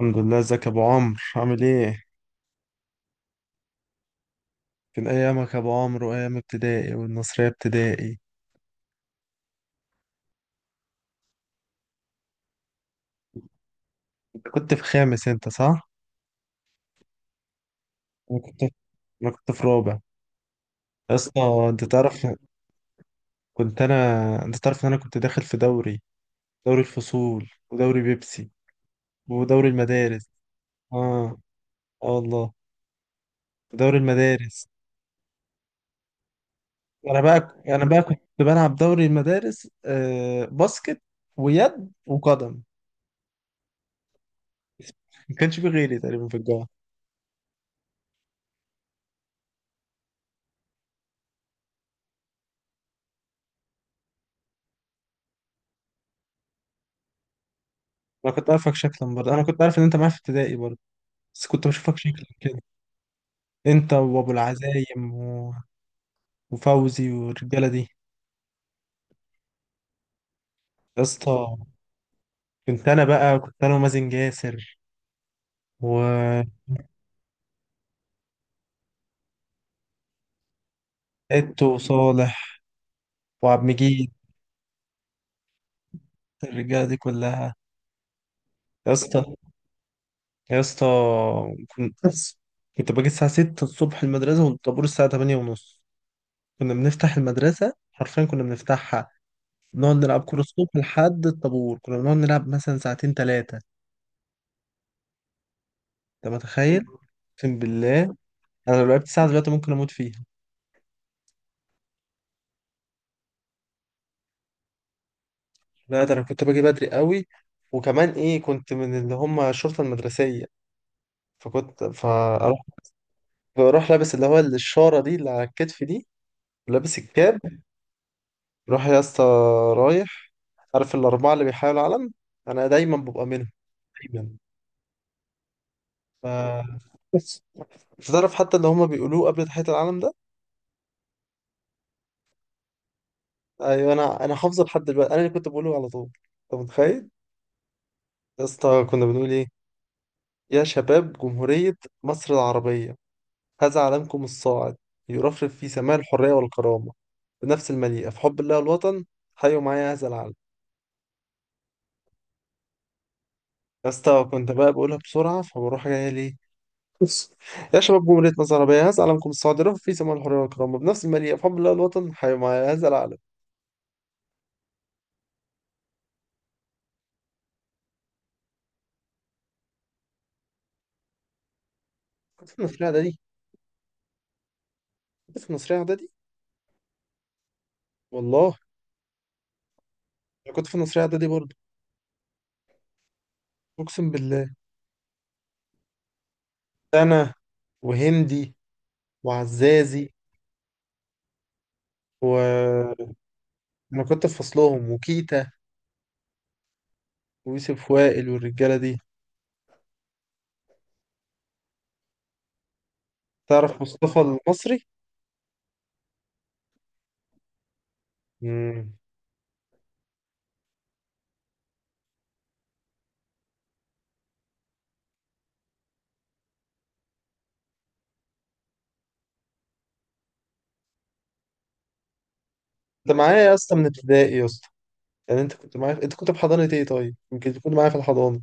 الحمد لله، ازيك يا ابو عمرو عامل ايه؟ كان ايامك يا ابو عمرو وايام ابتدائي والنصريه ابتدائي. انت كنت في خامس انت، صح؟ انا كنت انا كنت في رابع. يا اسطى انت تعرف، كنت انا انت تعرف ان انا كنت داخل في دوري، دوري الفصول ودوري بيبسي ودوري المدارس. اه، اه والله، دوري المدارس. انا بقى كنت بلعب دوري المدارس، باسكت ويد وقدم. ما كانش في غيري تقريبا في الجامعه. انا كنت عارفك شكلا برضه، انا كنت عارف ان انت معايا في ابتدائي برضه، بس كنت بشوفك شكلك كده. انت وابو العزايم وفوزي والرجاله دي. يا اسطى، كنت انا ومازن جاسر وإتو وصالح وعبد مجيد، الرجاله دي كلها. يا اسطى يا اسطى، كنت كنت باجي الساعه 6 الصبح المدرسه، والطابور الساعه 8 ونص. كنا بنفتح المدرسه حرفيا، كنا بنفتحها. نقعد نلعب كوره الصبح لحد الطابور، كنا بنقعد نلعب مثلا ساعتين ثلاثه. انت متخيل؟ اقسم بالله، انا لو لعبت ساعه دلوقتي ممكن اموت فيها. لا، ده انا كنت باجي بدري قوي، وكمان ايه، كنت من اللي هم الشرطه المدرسيه. فكنت فاروح، بروح لابس اللي هو الشاره دي اللي على الكتف دي، ولابس الكاب. روح يا اسطى، رايح. عارف الاربعه اللي بيحاولوا العلم؟ انا دايما ببقى منهم، دايما. ف بس انت تعرف حتى اللي هم بيقولوه قبل تحيه العلم ده؟ ايوه، انا حافظه لحد دلوقتي، انا اللي كنت بقوله على طول، انت متخيل؟ يا اسطى كنا بنقول ايه، يا شباب جمهوريه مصر العربيه، هذا علمكم الصاعد يرفرف في سماء الحرية والكرامة بنفس المليئة في حب الله والوطن، حيوا معايا هذا العلم. يا اسطى كنت بقى بقولها بسرعة فبروح جاية ليه، بص. يا شباب جمهورية مصر العربية، هذا علمكم الصاعد يرفرف في سماء الحرية والكرامة بنفس المليئة في حب الله والوطن، حيوا معايا هذا العلم. كنت في النصرية إعدادي. كنت في النصرية إعدادي، والله. أنا كنت في النصرية إعدادي برضه، أقسم بالله. أنا وهندي وعزازي و انا كنت في فصلهم، وكيتا ويوسف وائل والرجالة دي. تعرف مصطفى المصري؟ مم. انت معايا يا اسطى من ابتدائي يا اسطى. يعني انت كنت معايا، انت كنت في حضانة ايه طيب؟ يمكن تكون معايا في الحضانة.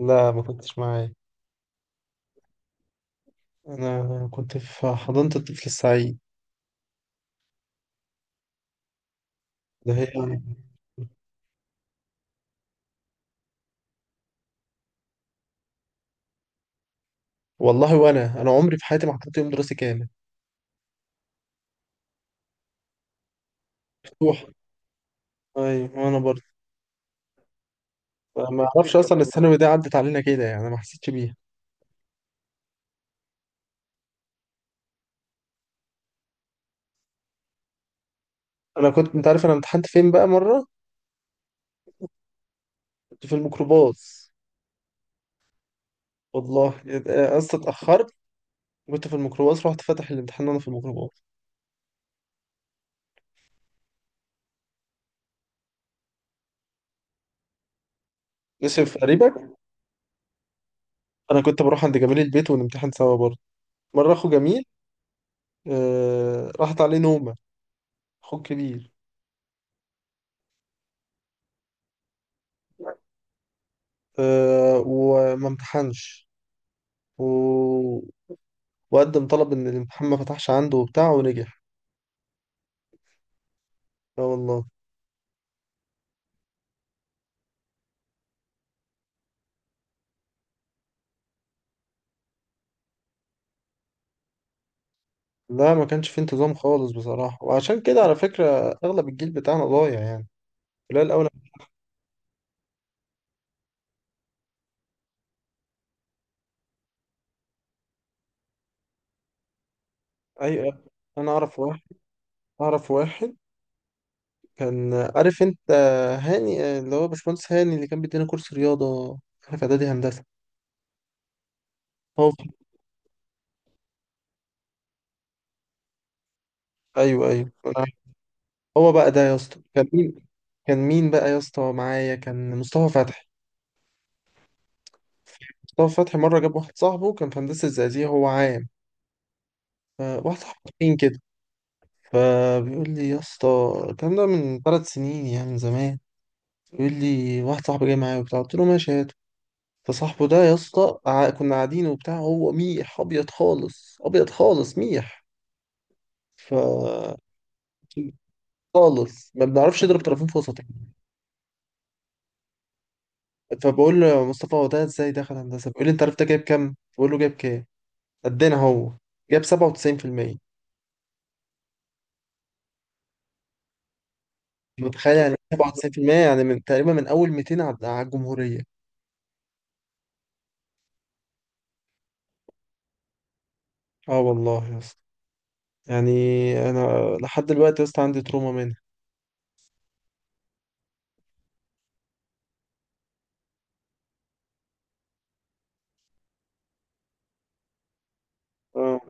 لا، ما كنتش معايا. انا كنت في حضانة الطفل السعيد، ده هي. والله، انا عمري في حياتي ما حضرت يوم دراسي كامل، مفتوح. ايوه، وانا برضه ما اعرفش اصلا الثانوي دي عدت علينا كده، يعني انا ما حسيتش بيها. انا كنت انت عارف انا امتحنت فين بقى مره؟ كنت في الميكروباص، والله. يبقى اصلا اتاخرت، كنت في الميكروباص، رحت فاتح الامتحان وانا في الميكروباص. ماشي تقريبا. انا كنت بروح عند جميل البيت ونمتحن سوا برضه. مره اخو جميل، آه، راحت عليه نومه، اخو الكبير، آه، وما امتحنش و... وقدم طلب ان الامتحان ما فتحش عنده وبتاع ونجح. لا والله. لا، ما كانش في انتظام خالص بصراحه، وعشان كده على فكره اغلب الجيل بتاعنا ضايع يعني، قليل الاول. ايوه. انا اعرف واحد اعرف واحد، كان عارف، انت هاني، اللي هو باشمهندس هاني اللي كان بيدينا كورس رياضه احنا في اعدادي هندسه، هو. ايوه، ايوه. هو بقى ده يا اسطى كان مين؟ كان مين بقى يا اسطى معايا، كان مصطفى فتحي. مصطفى فتحي مره جاب واحد صاحبه كان في هندسه زقازيق، هو عام، فواحد صاحبه تخين كده، فبيقول لي يا اسطى، الكلام ده من ثلاث سنين يعني من زمان، بيقول لي واحد صاحبي جاي معايا وبتاع، قلت له ماشي هاته. فصاحبه ده يا اسطى كنا قاعدين وبتاع، هو ميح ابيض خالص، ابيض خالص ميح. ف خالص ما بنعرفش نضرب طرفين في وسط يعني. فبقول له يا مصطفى هو ده ازاي دخل هندسه؟ بيقول لي انت عرفت ده جايب كام؟ بقول له جايب كام؟ قدنا هو. جاب 97%. متخيل؟ يعني 97% يعني من تقريبا من اول 200 على الجمهورية. اه والله يا اسطى، يعني انا لحد دلوقتي يا اسطى عندي تروما منها. اه،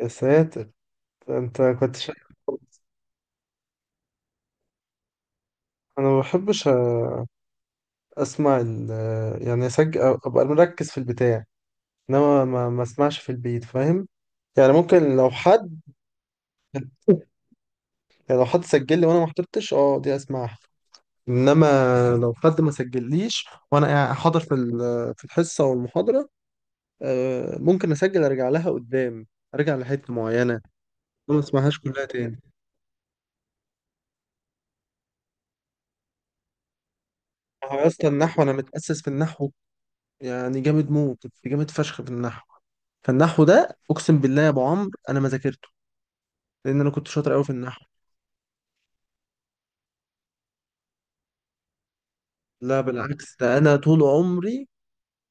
يا ساتر. انت كنت شا... انا ما بحبش اسمع ال... يعني اسجل ابقى مركز في البتاع، انما ما اسمعش في البيت، فاهم؟ يعني ممكن لو حد، يعني لو حد سجل لي وانا ما حضرتش، اه، دي اسمعها. انما لو حد ما سجليش وانا حاضر في في الحصه والمحاضره، آه، ممكن اسجل ارجع لها قدام، ارجع لحته معينه، ما اسمعهاش كلها تاني. ما هو يا اسطى النحو انا متاسس في النحو، يعني جامد موت، كنت جامد فشخ في النحو. فالنحو ده اقسم بالله يا ابو عمرو انا ما ذاكرته، لان انا كنت شاطر قوي في النحو. لا بالعكس، ده انا طول عمري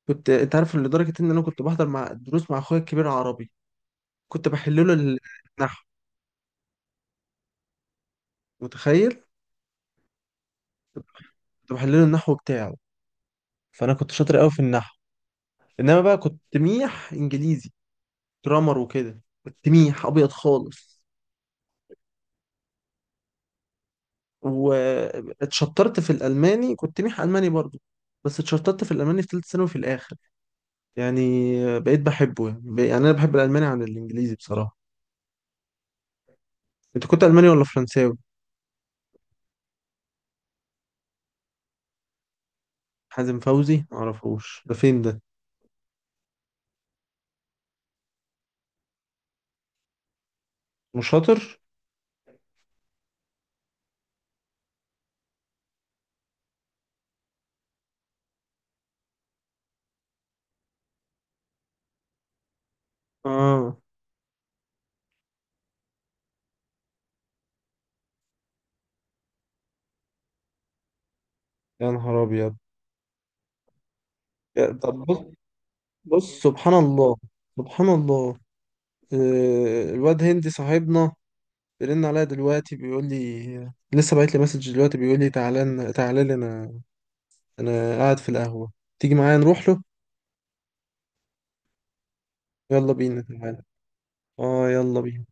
كنت، انت عارف، لدرجه ان انا كنت بحضر مع دروس مع اخويا الكبير عربي، كنت بحل له النحو. متخيل؟ كنت بحل له النحو بتاعه. فانا كنت شاطر قوي في النحو، انما بقى كنت ميح انجليزي. جرامر وكده كنت ميح ابيض خالص. واتشطرت في الالماني، كنت ميح الماني برضو، بس اتشطرت في الالماني في ثالثه ثانوي في الاخر. يعني بقيت بحبه، يعني يعني انا بحب الالماني عن الانجليزي بصراحه. انت كنت الماني ولا فرنساوي؟ حازم فوزي معرفوش، ده فين ده؟ مش شاطر. اه. يا نهار ابيض. طب بص. بص، سبحان الله، سبحان الله. آه، الواد هندي صاحبنا بيرن عليا دلوقتي، بيقول لي لسه باعت لي مسج دلوقتي، بيقول لي تعالى لي انا، انا قاعد في القهوة، تيجي معايا نروح له. يلا بينا، تعالى. اه، يلا بينا.